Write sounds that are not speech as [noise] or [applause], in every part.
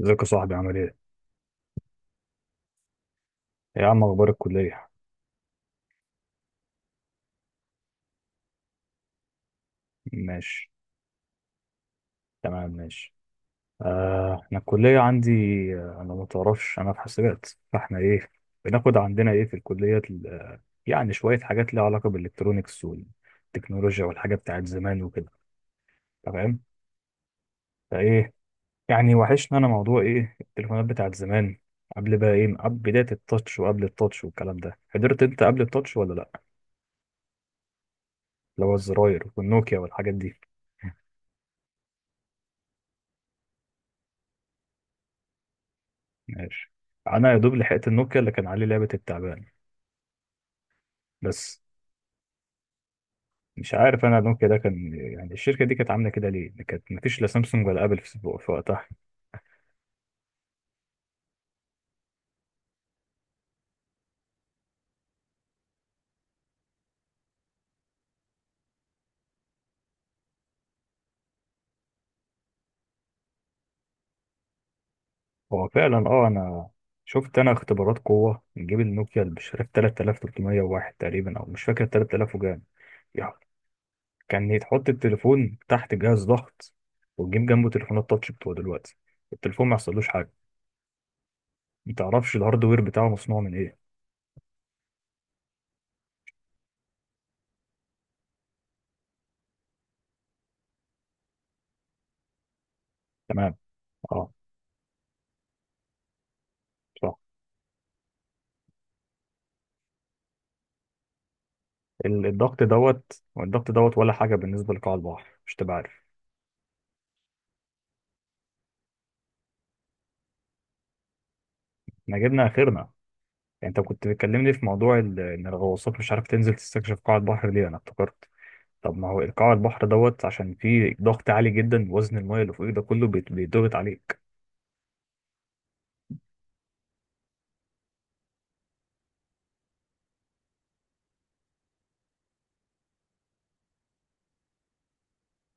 ازيك يا صاحبي، عامل ايه؟ يا عم، اخبار الكلية؟ ماشي. تمام. ماشي. آه، انا الكلية عندي. انا ما تعرفش، انا في حاسبات، فاحنا ايه بناخد عندنا ايه في الكلية يعني شوية حاجات ليها علاقة بالالكترونيكس والتكنولوجيا والحاجات بتاعت زمان وكده. تمام. فايه؟ يعني وحشنا انا موضوع ايه التليفونات بتاعت زمان، قبل بقى، ايه، قبل بداية التاتش، وقبل التاتش والكلام ده، حضرت انت قبل التاتش ولا لا؟ اللي هو الزراير والنوكيا والحاجات دي. ماشي. انا يا دوب لحقت النوكيا اللي كان عليه لعبه التعبان، بس. مش عارف انا النوكيا ده كان يعني الشركه دي كانت عامله كده ليه، كانت مفيش لا سامسونج ولا ابل في وقتها. هو فعلا، انا شفت انا اختبارات قوه، نجيب النوكيا اللي مش عارف 3301 تقريبا، او مش فاكر، 3000 وجان يعني. كان يتحط التليفون تحت جهاز ضغط، وتجيب جنبه تليفونات تاتش بتوع دلوقتي، التليفون ما يحصلوش حاجه، ما تعرفش الهاردوير بتاعه مصنوع من ايه. تمام. اه، صح. الضغط دوت والضغط دوت ولا حاجة بالنسبة لقاع البحر، مش تبقى عارف. احنا جبنا آخرنا يعني. انت كنت بتكلمني في موضوع ان الغواصات مش عارف تنزل تستكشف قاع البحر ليه، انا افتكرت. طب ما هو قاع البحر دوت، عشان فيه ضغط عالي جدا، وزن المايه اللي فوقيه ده كله بيتضغط عليك.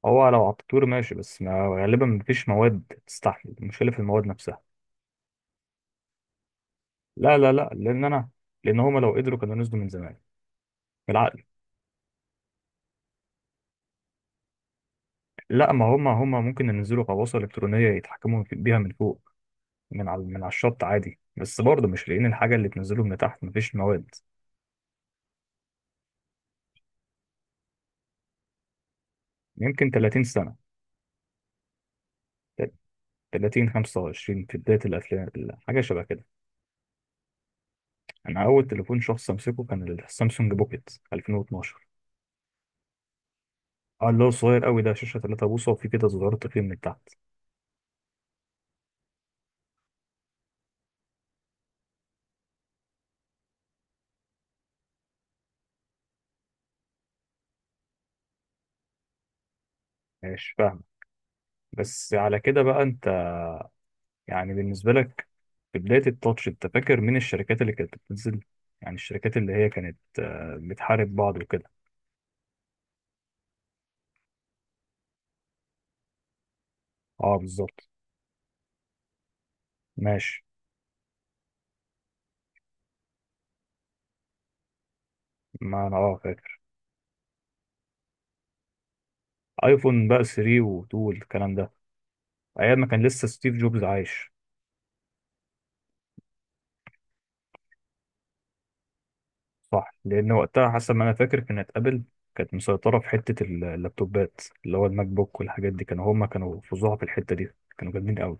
هو لو على الطول ماشي، بس ما غالبا مفيش مواد تستحمل، المشكلة في المواد نفسها. لا لا لا، لان هما لو قدروا كانوا نزلوا من زمان، بالعقل. لا، ما هما ممكن ينزلوا غواصة إلكترونية يتحكموا بيها من فوق، من على الشط عادي، بس برضه مش لاقيين الحاجة اللي تنزله من تحت، مفيش مواد. يمكن 30 سنة. 30، 25، في بداية الأفلام. حاجة شبه كده. أنا أول تليفون شخص أمسكه كان السامسونج بوكيت 2012. اه، اللي هو صغير قوي ده، شاشة 3 بوصة وفي كده صغير، تخين من تحت. مش فاهم. بس على كده بقى، أنت يعني بالنسبة لك في بداية التاتش أنت فاكر مين الشركات اللي كانت بتنزل؟ يعني الشركات اللي هي كانت بتحارب بعض وكده. اه، بالظبط. ماشي. ما أنا فاهم. ايفون بقى 3 و2 والكلام ده، ايام ما كان لسه ستيف جوبز عايش. صح، لان وقتها حسب ما انا فاكر كانت ابل كانت مسيطره في حته اللابتوبات، اللي هو الماك بوك والحاجات دي، كانوا هم كانوا فظاع في الحته دي، كانوا جامدين قوي.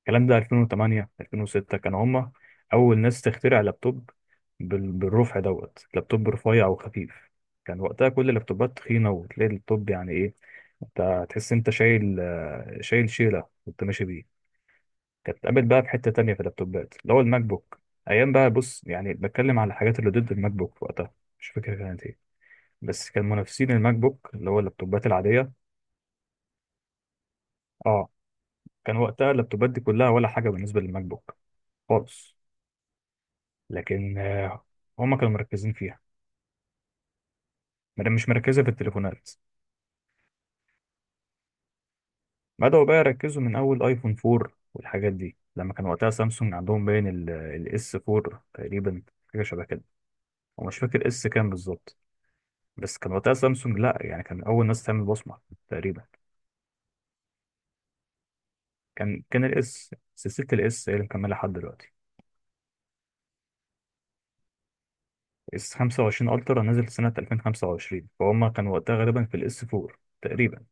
الكلام ده 2008، 2006، كانوا هم اول ناس تخترع لابتوب بالرفع دوت، لابتوب رفيع وخفيف. كان وقتها كل اللابتوبات تخينه، وتلاقي اللابتوب يعني ايه، انت تحس انت شايل، شايل شيله وانت ماشي. كانت اتقابلت بقى في حتة تانية في اللابتوبات اللي هو الماك بوك. أيام بقى، بص، يعني بتكلم على الحاجات اللي ضد الماك بوك في وقتها، مش فاكر كانت إيه، بس كان منافسين الماك بوك اللي هو اللابتوبات العادية. أه، كان وقتها اللابتوبات دي كلها ولا حاجة بالنسبة للماك بوك خالص. لكن هما كانوا مركزين فيها. ما دام مش مركزة في التليفونات، بدأوا بقى يركزوا من أول أيفون 4 والحاجات دي، لما كان وقتها سامسونج عندهم باين الاس 4 تقريبا، حاجة شبه كده، ومش فاكر اس كام بالظبط، بس كان وقتها سامسونج، لا يعني، كان اول ناس تعمل بصمه تقريبا. كان الاس، سلسله الاس هي اللي مكمله لحد دلوقتي. اس 25 الترا نزل سنه 2025، فهم كانوا وقتها غالبا في الاس 4 تقريبا.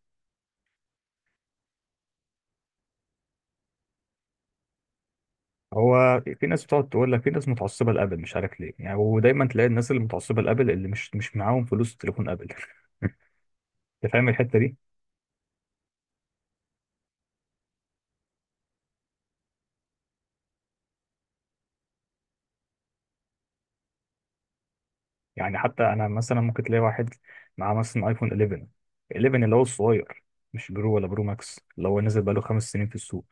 هو في ناس بتقعد تقول لك في ناس متعصبه لابل، مش عارف ليه يعني، ودايما تلاقي الناس اللي متعصبه لابل اللي مش معاهم فلوس تليفون ابل. [laughs] انت فاهم الحته دي. يعني حتى انا مثلا ممكن تلاقي واحد معاه مثلا ايفون 11، 11 اللي هو الصغير، مش برو ولا برو ماكس، اللي هو نزل بقاله 5 سنين في السوق،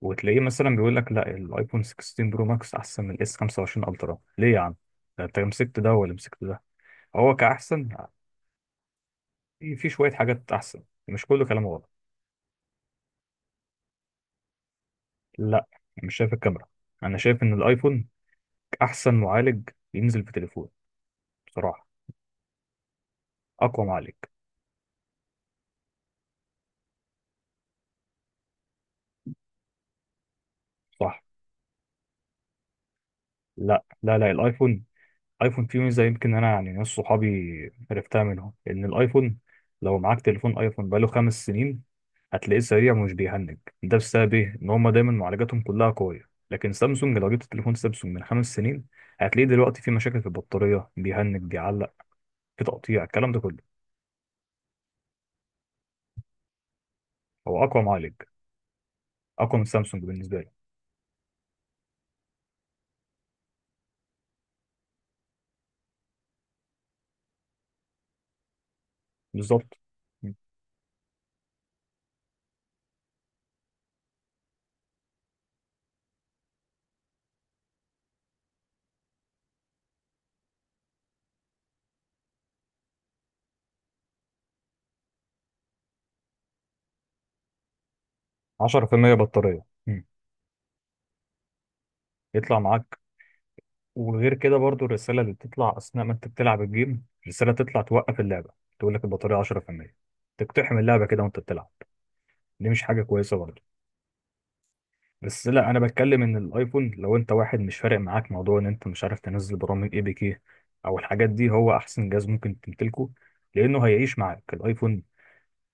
وتلاقيه مثلا بيقول لك لا، الايفون 16 برو ماكس احسن من الاس 25 الترا. ليه يا عم؟ ده انت مسكت ده ولا مسكت ده؟ هو كاحسن؟ في شويه حاجات احسن، مش كله كلام غلط. لا، أنا مش شايف الكاميرا، انا شايف ان الايفون احسن معالج ينزل في تليفون، بصراحه. اقوى معالج. صح. لا لا لا، الايفون، ايفون فيه ميزه، يمكن انا يعني ناس صحابي عرفتها منهم، ان الايفون لو معاك تليفون ايفون بقاله 5 سنين هتلاقيه سريع ومش بيهنج، ده بسبب ايه؟ ان هما دايما معالجاتهم كلها قويه، لكن سامسونج لو جبت تليفون سامسونج من 5 سنين هتلاقيه دلوقتي فيه مشاكل في البطاريه، بيهنج، بيعلق، في تقطيع، الكلام ده كله. هو اقوى معالج، اقوى من سامسونج بالنسبه لي. بالظبط. 10% بطاريه. يطلع معاك. وغير كده برضو، الرسالة اللي بتطلع أثناء ما أنت بتلعب الجيم، الرسالة تطلع توقف اللعبة، تقول لك البطارية 10%، تقتحم اللعبة كده وأنت بتلعب، دي مش حاجة كويسة برضو. بس لا، أنا بتكلم إن الأيفون لو أنت واحد مش فارق معاك موضوع إن أنت مش عارف تنزل برامج APK أو الحاجات دي، هو أحسن جهاز ممكن تمتلكه، لأنه هيعيش معاك الأيفون.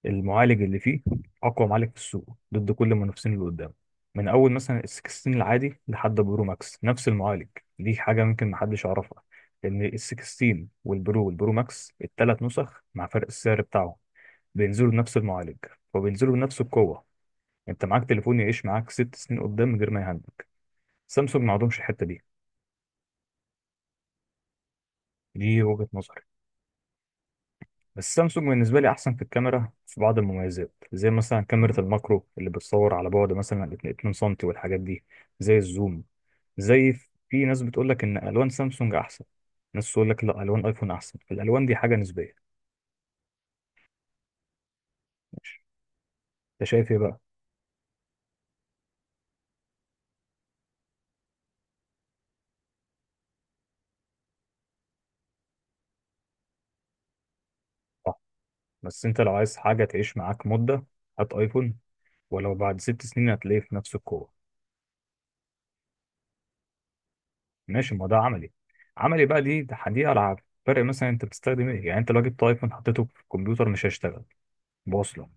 المعالج اللي فيه اقوى معالج في السوق ضد كل المنافسين اللي قدامه، من اول مثلا ال 16 العادي لحد برو ماكس نفس المعالج. دي حاجه ممكن محدش يعرفها، لان ال 16 والبرو والبرو ماكس الثلاث نسخ، مع فرق السعر بتاعهم، بينزلوا بنفس المعالج وبينزلوا بنفس القوه. انت معاك تليفون يعيش معاك 6 سنين قدام من غير ما يهنج، سامسونج ما عندهمش الحته دي. دي وجهه نظري. بس سامسونج بالنسبة لي أحسن في الكاميرا، في بعض المميزات زي مثلا كاميرا الماكرو اللي بتصور على بعد مثلا 2 سم والحاجات دي، زي الزوم، زي، في ناس بتقول لك إن ألوان سامسونج أحسن، ناس تقول لك لا، ألوان أيفون أحسن. الألوان دي حاجة نسبية. ماشي. أنت شايف إيه بقى؟ صح. بس أنت لو عايز حاجة تعيش معاك مدة، هات أيفون، ولو بعد 6 سنين هتلاقيه في نفس القوة. ماشي، ما ده عملي. عملي بقى، دي ألعاب. فرق مثلا أنت بتستخدم إيه يعني؟ أنت لو جبت أيفون حطيته في الكمبيوتر مش هيشتغل، بوصله.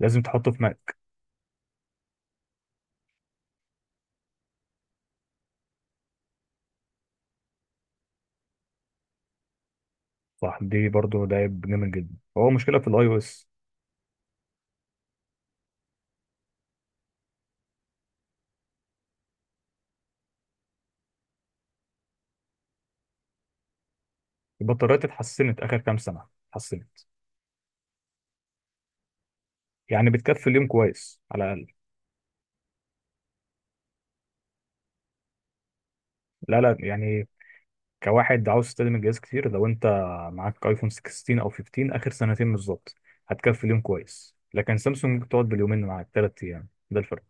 لازم تحطه في. صح، دي برضو ده عيب جامد جدا، هو مشكله في الاي او اس. البطاريات اتحسنت اخر كام سنه، اتحسنت، يعني بتكفي اليوم كويس على الاقل. لا لا يعني، كواحد عاوز تستخدم الجهاز كتير، لو انت معاك ايفون 16 او 15 اخر سنتين بالظبط هتكفي اليوم كويس، لكن سامسونج ممكن تقعد باليومين معاك، 3 ايام، ده الفرق.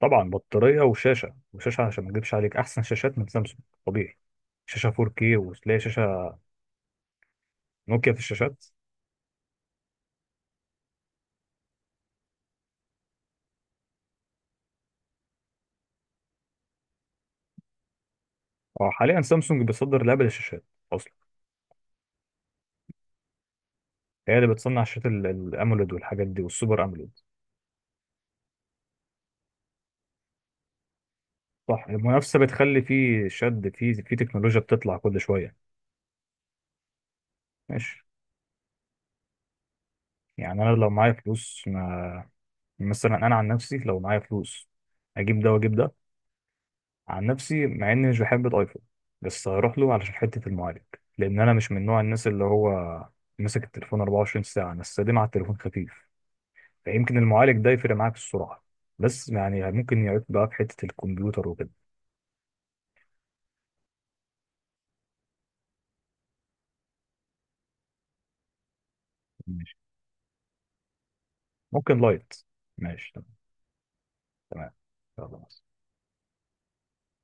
طبعا، بطاريه وشاشه وشاشه عشان ما اكذبش عليك، احسن شاشات من سامسونج، طبيعي. شاشه 4K، وتلاقي شاشه نوكيا في الشاشات. اه، حاليا سامسونج بيصدر لابل الشاشات، هي اللي بتصنع شاشات الاموليد والحاجات دي والسوبر اموليد. صح، المنافسه بتخلي فيه شد، في تكنولوجيا بتطلع كل شويه. ماشي. يعني انا لو معايا فلوس ما، مثلا انا عن نفسي لو معايا فلوس اجيب ده واجيب ده. عن نفسي، مع اني مش بحب الايفون بس هروح له علشان حته المعالج، لان انا مش من نوع الناس اللي هو ماسك التليفون 24 ساعه. انا السليم على التليفون خفيف، فيمكن المعالج ده يفرق معاك في السرعه، بس يعني ممكن يعيق بقى في حته الكمبيوتر وكده. ماشي. ممكن لايت. ماشي. تمام. يلا.